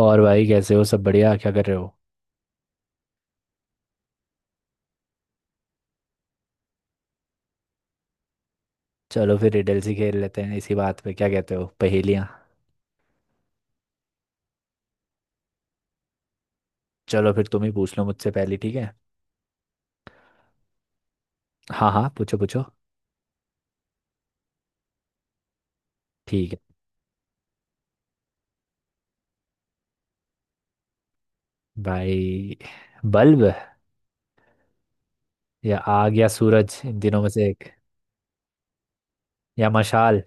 और भाई कैसे हो? सब बढ़िया? क्या कर रहे हो? चलो फिर रिडल्स ही खेल लेते हैं इसी बात पे। क्या कहते हो? पहेलियाँ। चलो फिर तुम ही पूछ लो मुझसे पहली, ठीक है। हाँ हाँ, पूछो पूछो। ठीक है भाई। बल्ब? या आग या सूरज, इन दिनों में से एक। या मशाल।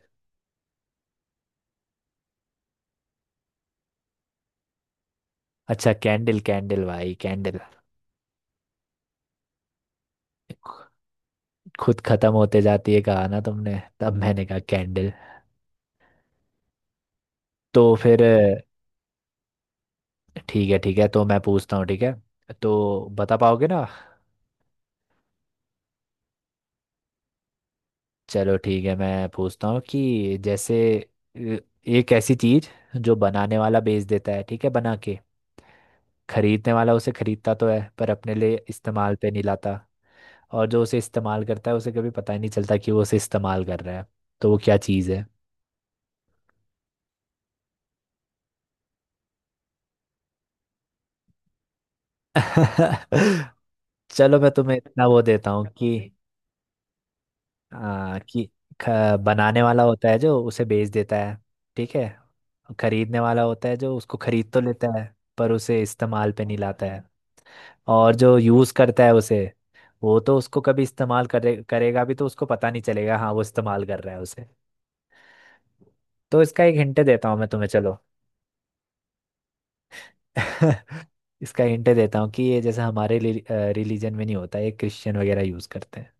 अच्छा, कैंडल कैंडल भाई कैंडल। खुद खत्म होते जाती है कहा ना तुमने, तब मैंने कहा कैंडल। तो फिर ठीक है ठीक है, तो मैं पूछता हूँ, ठीक है। तो बता पाओगे ना? चलो ठीक है, मैं पूछता हूँ कि जैसे अ, एक ऐसी चीज, जो बनाने वाला बेच देता है, ठीक है, बना के। खरीदने वाला उसे खरीदता तो है पर अपने लिए इस्तेमाल पे नहीं लाता। और जो उसे इस्तेमाल करता है, उसे कभी पता ही नहीं चलता कि वो उसे इस्तेमाल कर रहा है। तो वो क्या चीज है? चलो मैं तुम्हें इतना वो देता हूँ कि कि बनाने वाला होता है जो उसे बेच देता है, ठीक है। खरीदने वाला होता है जो उसको खरीद तो लेता है, पर उसे इस्तेमाल पे नहीं लाता है। और जो यूज़ करता है उसे, वो तो उसको कभी इस्तेमाल करे करेगा भी तो उसको पता नहीं चलेगा हाँ वो इस्तेमाल कर रहा है उसे। तो इसका एक हिंट देता हूँ मैं तुम्हें, चलो। इसका हिंट देता हूँ कि ये जैसे हमारे रिलीजन में नहीं होता, ये क्रिश्चियन वगैरह यूज़ करते हैं।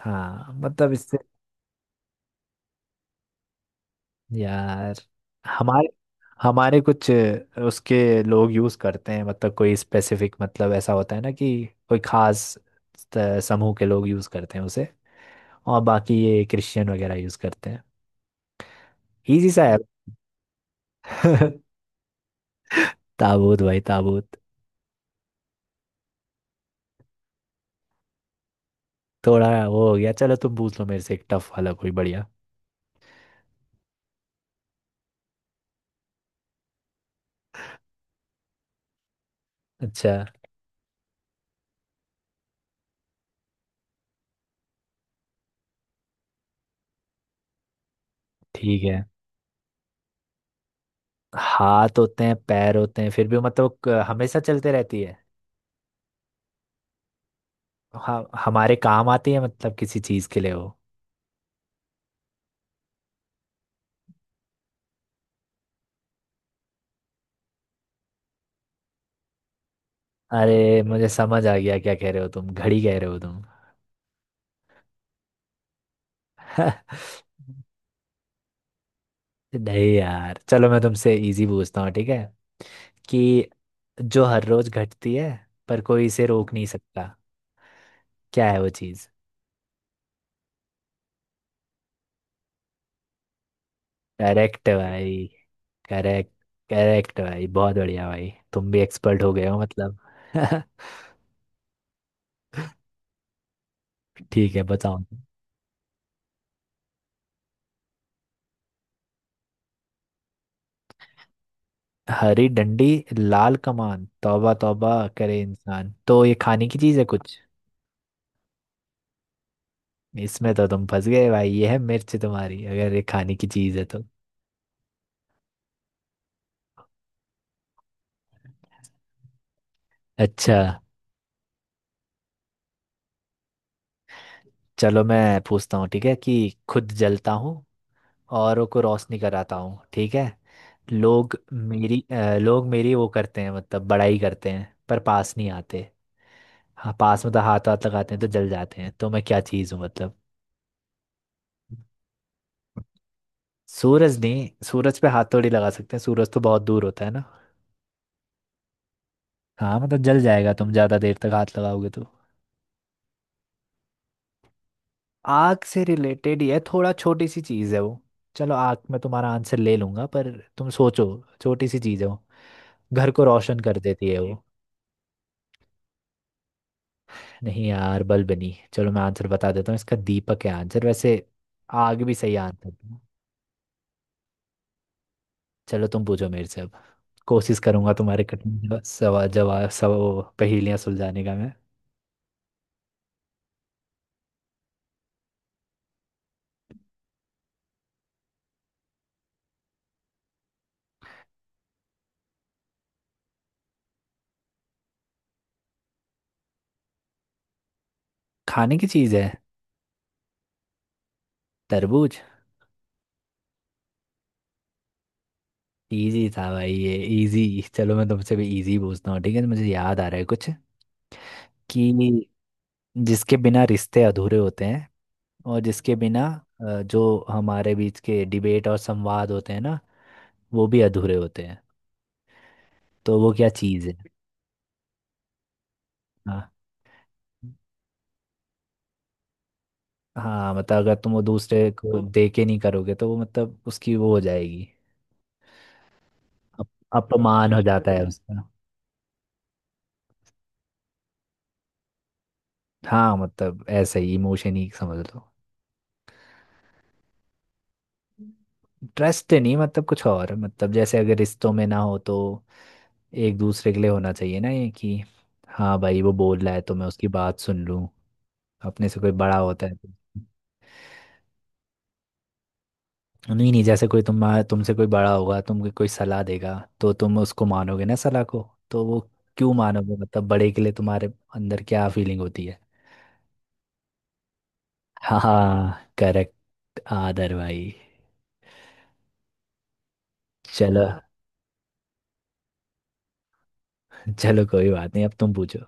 हाँ मतलब इससे। यार हमारे हमारे कुछ उसके लोग यूज़ करते हैं, मतलब कोई स्पेसिफिक, मतलब ऐसा होता है ना कि कोई खास समूह के लोग यूज़ करते हैं उसे। और बाकी ये क्रिश्चियन वगैरह यूज़ करते हैं। इजी सा है। ताबूत भाई, ताबूत। थोड़ा वो हो गया, चलो तुम पूछ लो मेरे से एक टफ वाला, कोई बढ़िया। अच्छा। ठीक है। हाथ होते हैं पैर होते हैं फिर भी मतलब हमेशा चलते रहती है। हाँ हमारे काम आती है, मतलब किसी चीज के लिए वो। अरे मुझे समझ आ गया क्या कह रहे हो तुम, घड़ी कह रहे हो तुम। नहीं यार, चलो मैं तुमसे इजी पूछता हूँ, ठीक है। कि जो हर रोज घटती है पर कोई इसे रोक नहीं सकता, क्या है वो? करेक्ट भाई। करेक्ट। करेक्ट भाई, बहुत बढ़िया, भाई तुम भी एक्सपर्ट हो गए हो मतलब। ठीक है, बताओ। हरी डंडी, लाल कमान, तौबा तौबा करे इंसान, तो ये खाने की चीज है कुछ? इसमें तो तुम फंस गए भाई, ये है मिर्च तुम्हारी, अगर ये खाने की चीज है तो। अच्छा। चलो मैं पूछता हूँ, ठीक है। कि खुद जलता हूँ, औरों को रोशनी कराता हूँ, ठीक है। लोग मेरी लोग मेरी वो करते हैं, मतलब बड़ाई करते हैं, पर पास नहीं आते। हाँ पास मतलब हाथ, हाथ लगाते हैं तो जल जाते हैं, तो मैं क्या चीज़ हूँ मतलब? सूरज नहीं, सूरज पे हाथ थोड़ी लगा सकते हैं, सूरज तो बहुत दूर होता है ना। हाँ मतलब जल जाएगा, तुम ज़्यादा देर तक हाथ लगाओगे तो। आग से रिलेटेड ही है, थोड़ा छोटी सी चीज़ है वो। चलो आग में तुम्हारा आंसर ले लूंगा, पर तुम सोचो, छोटी सी चीज़ है वो, घर को रोशन कर देती है वो। नहीं यार, बलबनी, चलो मैं आंसर बता देता हूँ इसका, दीपक है आंसर वैसे। आग भी सही आंसर था। चलो तुम पूछो मेरे से अब। कोशिश करूंगा तुम्हारे कठिन सवा जवाब सब, पहेलियां सुलझाने का मैं। खाने की चीज है। तरबूज। इजी था भाई ये, इजी। चलो मैं तुमसे भी इजी पूछता हूँ, ठीक है, मुझे याद आ रहा है कुछ। कि जिसके बिना रिश्ते अधूरे होते हैं, और जिसके बिना जो हमारे बीच के डिबेट और संवाद होते हैं ना, वो भी अधूरे होते हैं। तो वो क्या चीज़ है? हाँ। हाँ मतलब अगर तुम वो दूसरे को तो दे के नहीं करोगे तो वो, मतलब उसकी वो हो जाएगी। अप, अपमान हो जाता है अच्छा उसका। हाँ मतलब ऐसा ही, इमोशन ही समझ लो। ट्रस्ट नहीं, मतलब कुछ और, मतलब जैसे अगर रिश्तों में ना हो तो, एक दूसरे के लिए होना चाहिए ना ये, कि हाँ भाई वो बोल रहा है तो मैं उसकी बात सुन लूँ। अपने से कोई बड़ा होता है तो। नहीं नहीं जैसे कोई तुम, तुमसे कोई बड़ा होगा, तुमको कोई सलाह देगा, तो तुम उसको मानोगे ना सलाह को। तो वो क्यों मानोगे, मतलब बड़े के लिए तुम्हारे अंदर क्या फीलिंग होती है? हाँ करेक्ट, आदर भाई। चलो चलो कोई बात नहीं, अब तुम पूछो।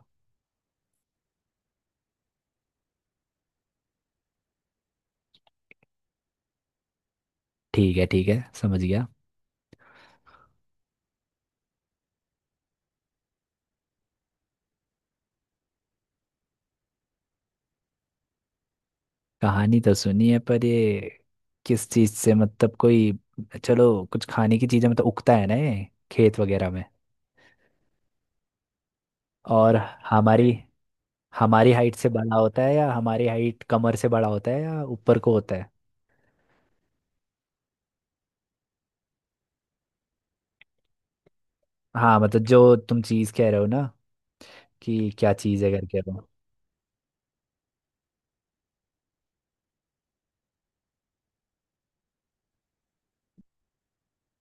ठीक है, ठीक है, समझ गया। कहानी तो सुनी है, पर ये किस चीज से, मतलब कोई। चलो कुछ खाने की चीजें, मतलब उगता है ना ये खेत वगैरह में। और हमारी हमारी हाइट से बड़ा होता है, या हमारी हाइट, कमर से बड़ा होता है या ऊपर को होता है। हाँ मतलब जो तुम चीज़ कह रहे हो ना, कि क्या चीज़ है करके वो।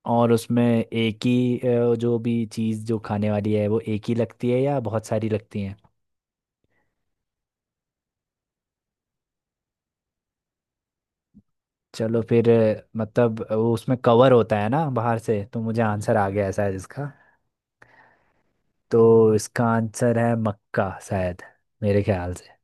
और उसमें एक ही जो भी चीज़ जो खाने वाली है वो एक ही लगती है या बहुत सारी लगती हैं? चलो फिर मतलब वो उसमें कवर होता है ना बाहर से, तो मुझे आंसर आ गया है शायद इसका। तो इसका आंसर है मक्का शायद, मेरे ख्याल से।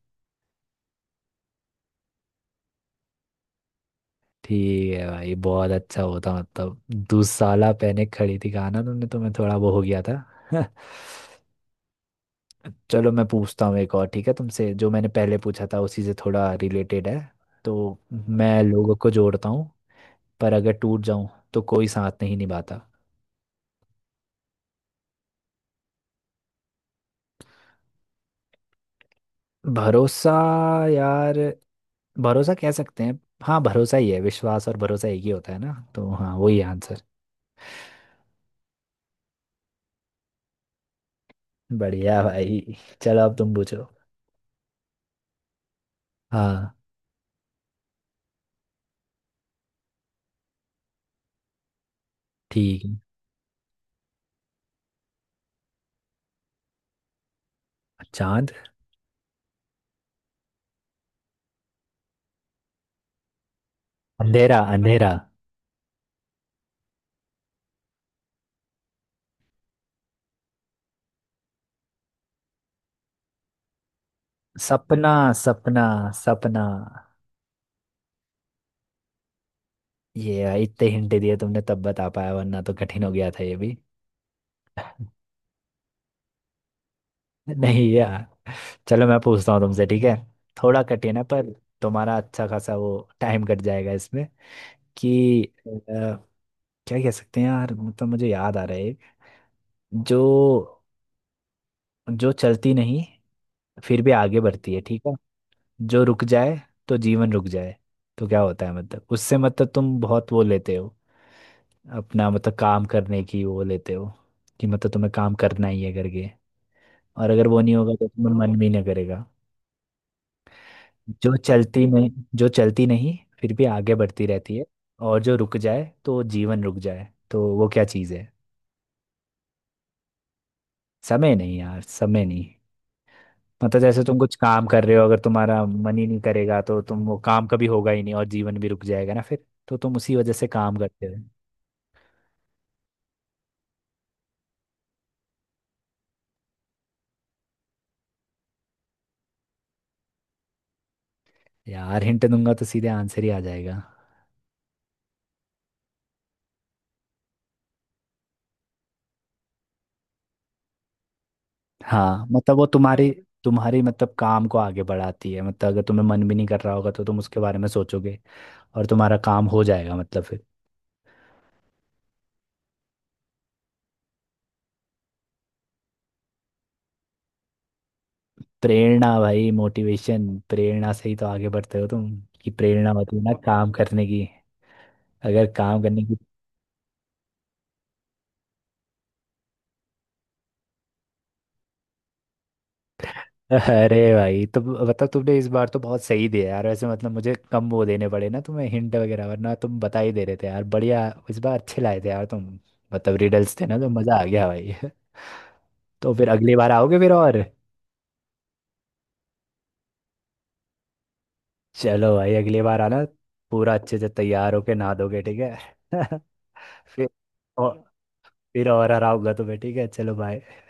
ठीक है भाई, बहुत अच्छा होता मतलब। दुसाला पहने खड़ी थी कहा ना तुमने, तो मैं थोड़ा वो हो गया था। चलो मैं पूछता हूँ एक और, ठीक है, तुमसे जो मैंने पहले पूछा था उसी से थोड़ा रिलेटेड है। तो मैं लोगों को जोड़ता हूँ, पर अगर टूट जाऊं तो कोई साथ नहीं निभाता। भरोसा। यार भरोसा कह सकते हैं, हाँ भरोसा ही है, विश्वास और भरोसा एक ही होता है ना, तो हाँ वही आंसर। बढ़िया भाई, चलो अब तुम पूछो। हाँ। ठीक है। चांद। अंधेरा, अंधेरा। सपना, सपना, सपना। ये भाई, इतने हिंट दिए तुमने तब बता पाया, वरना तो कठिन हो गया था ये भी। नहीं यार, चलो मैं पूछता हूँ तुमसे, ठीक है, थोड़ा कठिन है पर, तुम्हारा अच्छा खासा वो टाइम कट जाएगा इसमें। कि अ, क्या कह सकते हैं यार, मतलब मुझे याद आ रहा है एक। जो, जो चलती नहीं फिर भी आगे बढ़ती है, ठीक है। जो रुक जाए तो जीवन रुक जाए, तो क्या होता है मतलब उससे, मतलब तुम बहुत वो लेते हो अपना, मतलब काम करने की वो लेते हो कि मतलब तुम्हें काम करना ही है करके, और अगर वो नहीं होगा तो तुम्हें मन भी ना करेगा। जो चलती में, जो चलती नहीं फिर भी आगे बढ़ती रहती है, और जो रुक जाए तो जीवन रुक जाए, तो वो क्या चीज़ है? समय नहीं यार, समय नहीं। मतलब जैसे तुम कुछ काम कर रहे हो, अगर तुम्हारा मन ही नहीं करेगा तो तुम वो काम कभी होगा ही नहीं, और जीवन भी रुक जाएगा ना फिर, तो तुम उसी वजह से काम करते हो। यार हिंट दूंगा तो सीधे आंसर ही आ जाएगा। हाँ मतलब वो तुम्हारी तुम्हारी मतलब काम को आगे बढ़ाती है, मतलब अगर तुम्हें मन भी नहीं कर रहा होगा तो तुम उसके बारे में सोचोगे और तुम्हारा काम हो जाएगा, मतलब फिर। प्रेरणा भाई, मोटिवेशन, प्रेरणा से ही तो आगे बढ़ते हो तुम। कि प्रेरणा होती है ना काम करने की, अगर काम करने की। अरे भाई तो, मतलब तुमने इस बार तो बहुत सही दिया यार वैसे, मतलब मुझे कम वो देने पड़े ना तुम्हें हिंट वगैरह, वरना तुम बता ही दे रहे थे यार, बढ़िया इस बार अच्छे लाए थे यार तुम। मतलब रिडल्स थे ना, तो मज़ा आ गया भाई। तो फिर अगली बार आओगे फिर और। चलो भाई अगली बार आना, पूरा अच्छे से तैयार होके नहा दोगे, ठीक है। फिर और, फिर और हराऊंगा तुम्हें, ठीक है। चलो बाय।